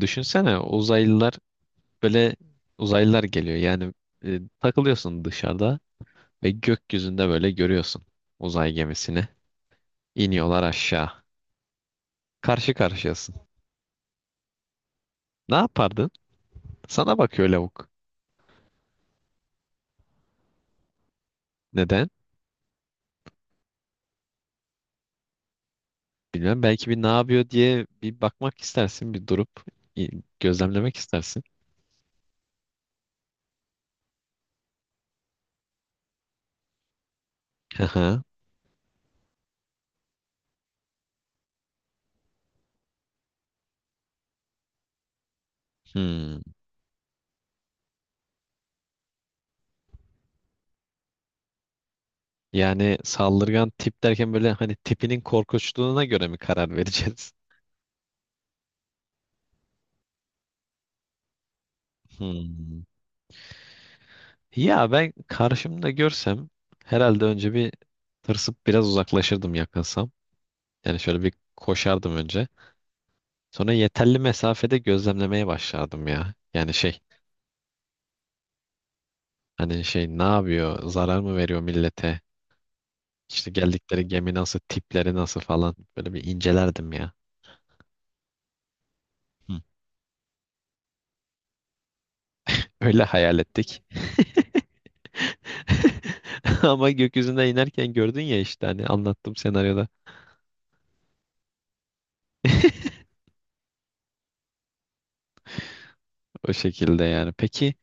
Düşünsene uzaylılar, böyle uzaylılar geliyor. Yani takılıyorsun dışarıda ve gökyüzünde böyle görüyorsun uzay gemisini. İniyorlar aşağı. Karşı karşıyasın. Ne yapardın? Sana bakıyor lavuk. Neden? Bilmem, belki bir ne yapıyor diye bir bakmak istersin, bir durup i- gözlemlemek istersin. Hı hı. Hmm. Yani saldırgan tip derken böyle hani tipinin korkunçluğuna göre mi karar vereceğiz? Hmm. Ya ben karşımda görsem herhalde önce bir tırsıp biraz uzaklaşırdım, yakınsam. Yani şöyle bir koşardım önce. Sonra yeterli mesafede gözlemlemeye başlardım ya. Yani şey, hani şey ne yapıyor? Zarar mı veriyor millete? İşte geldikleri gemi nasıl, tipleri nasıl falan. Böyle bir incelerdim ya. Hı. Öyle hayal ettik. Ama gökyüzüne inerken gördün ya, işte hani anlattım senaryoda. O şekilde yani. Peki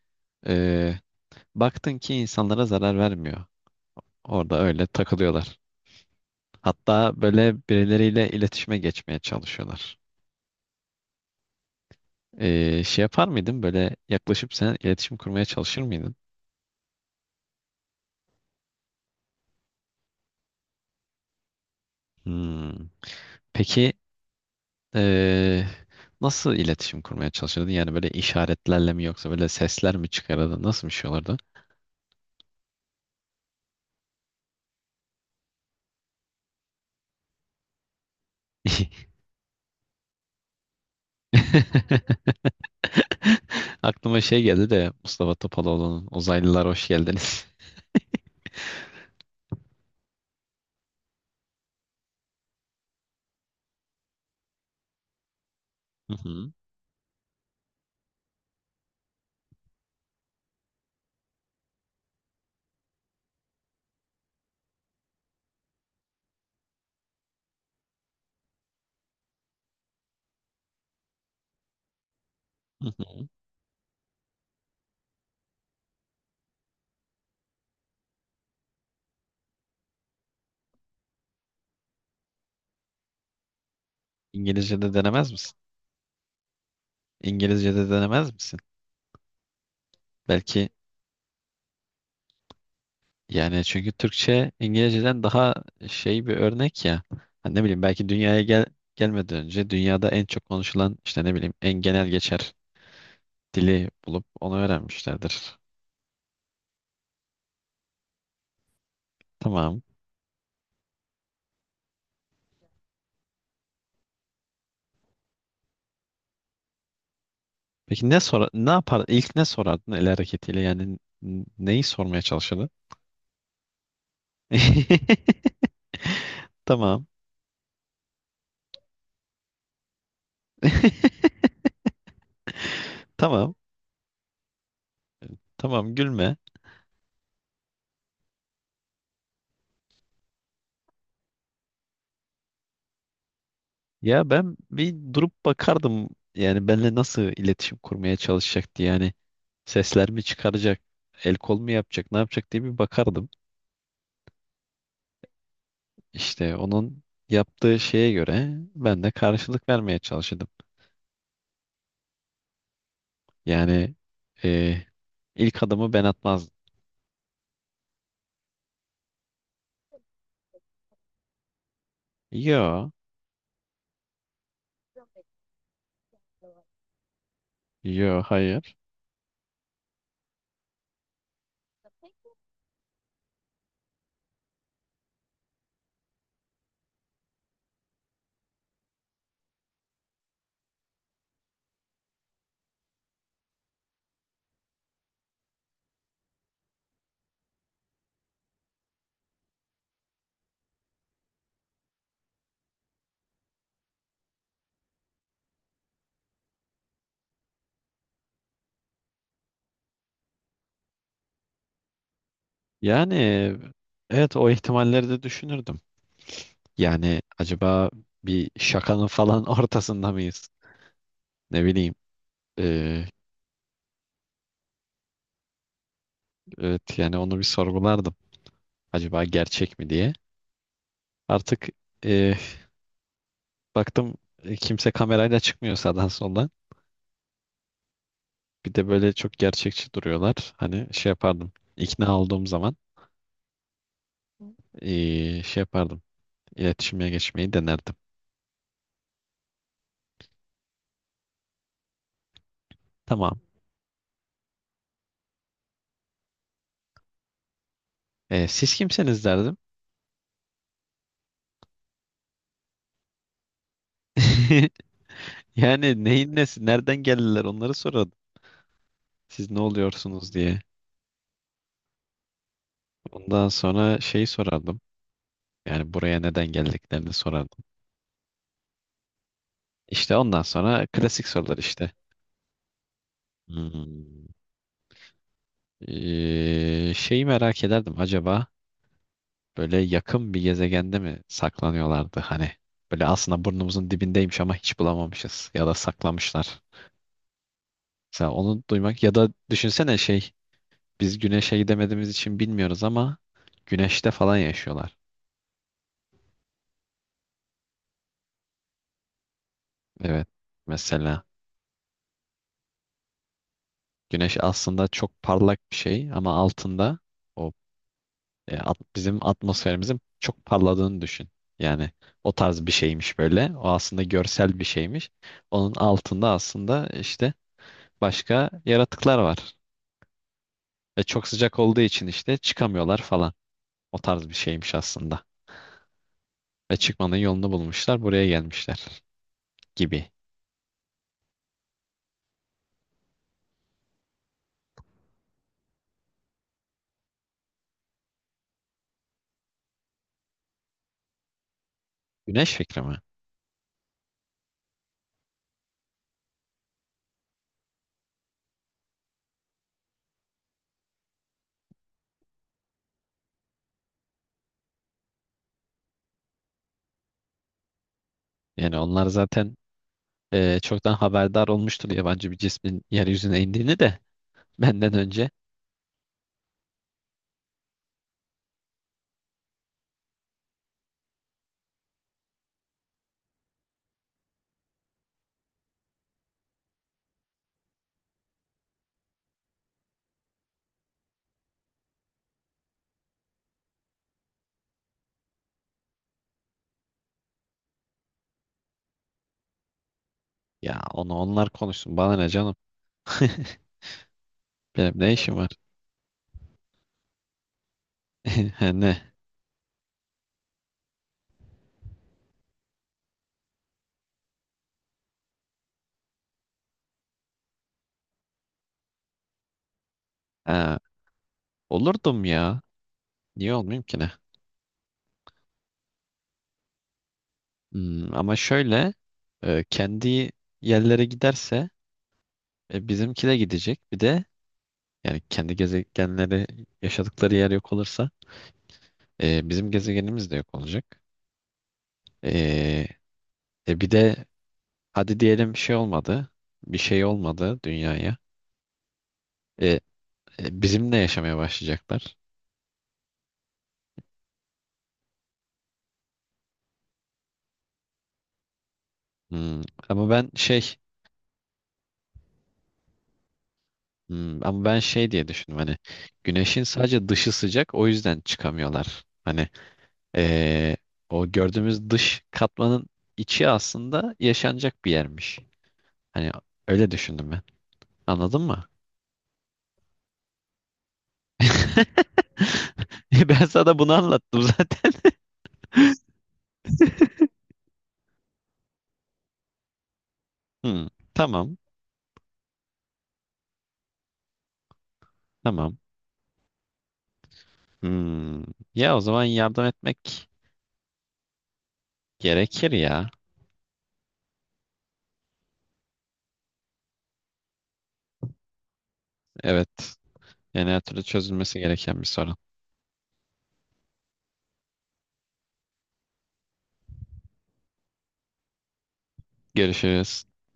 eee, Baktın ki insanlara zarar vermiyor. Orada öyle takılıyorlar. Hatta böyle birileriyle iletişime geçmeye çalışıyorlar. Şey yapar mıydın? Böyle yaklaşıp sen iletişim kurmaya çalışır mıydın? Hmm. Peki ee, nasıl iletişim kurmaya çalışırdın? Yani böyle işaretlerle mi, yoksa böyle sesler mi çıkarırdın? Nasıl bir şey olurdu? Aklıma şey geldi de, Mustafa Topaloğlu'nun Uzaylılar Hoş Geldiniz. Hı hı, hı hı. İngilizce'de denemez misin? İngilizce'de denemez misin? Belki, yani çünkü Türkçe İngilizce'den daha şey bir örnek ya. Hani ne bileyim, belki dünyaya gelmeden önce dünyada en çok konuşulan, işte ne bileyim, en genel geçer dili bulup onu öğrenmişlerdir. Tamam. Peki ne sor ne yapar ilk ne sorardın el hareketiyle, yani neyi sormaya çalışırdın? Tamam. Tamam. Tamam, gülme. Ya ben bir durup bakardım, yani benimle nasıl iletişim kurmaya çalışacaktı, yani sesler mi çıkaracak, el kol mu yapacak, ne yapacak diye bir bakardım. İşte onun yaptığı şeye göre ben de karşılık vermeye çalışırdım. Yani e, ilk adımı ben atmazdım. Yo, yo, hayır, yani evet, o ihtimalleri de düşünürdüm. Yani acaba bir şakanın falan ortasında mıyız, ne bileyim. E, evet, yani onu bir sorgulardım, acaba gerçek mi diye. Artık e, baktım kimse kamerayla çıkmıyor sağdan soldan. Bir de böyle çok gerçekçi duruyorlar. Hani şey yapardım. İkna olduğum zaman şey yapardım. İletişime geçmeyi denerdim. Tamam. Siz kimsiniz derdim. Yani neyin nesi, nereden geldiler, onları sorardım. Siz ne oluyorsunuz diye. Ondan sonra şeyi sorardım. Yani buraya neden geldiklerini sorardım. İşte ondan sonra klasik sorular işte. Hmm. Şeyi merak ederdim, acaba böyle yakın bir gezegende mi saklanıyorlardı, hani böyle aslında burnumuzun dibindeymiş ama hiç bulamamışız ya da saklamışlar. Mesela onu duymak, ya da düşünsene şey, biz güneşe gidemediğimiz için bilmiyoruz ama güneşte falan yaşıyorlar. Evet, mesela güneş aslında çok parlak bir şey ama altında o bizim atmosferimizin çok parladığını düşün. Yani o tarz bir şeymiş böyle. O aslında görsel bir şeymiş. Onun altında aslında işte başka yaratıklar var. Ve çok sıcak olduğu için işte çıkamıyorlar falan. O tarz bir şeymiş aslında. Ve çıkmanın yolunu bulmuşlar, buraya gelmişler gibi. Güneş fikri mi? Yani onlar zaten çoktan haberdar olmuştur yabancı bir cismin yeryüzüne indiğini de, benden önce. Ya onu onlar konuşsun. Bana ne canım? Benim ne işim var? Ne? Ha, olurdum ya. Niye olmayayım ki, ne? Hmm, ama şöyle kendi yerlere giderse bizimki de gidecek. Bir de yani kendi gezegenleri, yaşadıkları yer yok olursa, bizim gezegenimiz de yok olacak. E, Bir de hadi diyelim şey olmadı. Bir şey olmadı dünyaya. E, Bizimle yaşamaya başlayacaklar. Hmm, ama ben şey ama ben şey diye düşündüm, hani güneşin sadece dışı sıcak, o yüzden çıkamıyorlar. Hani eee, o gördüğümüz dış katmanın içi aslında yaşanacak bir yermiş. Hani öyle düşündüm ben. Anladın mı? Ben sana bunu anlattım zaten. Hmm, tamam, tamam. Hmm, ya o zaman yardım etmek gerekir ya. Evet. Yani her türlü çözülmesi gereken bir sorun. Görüşürüz.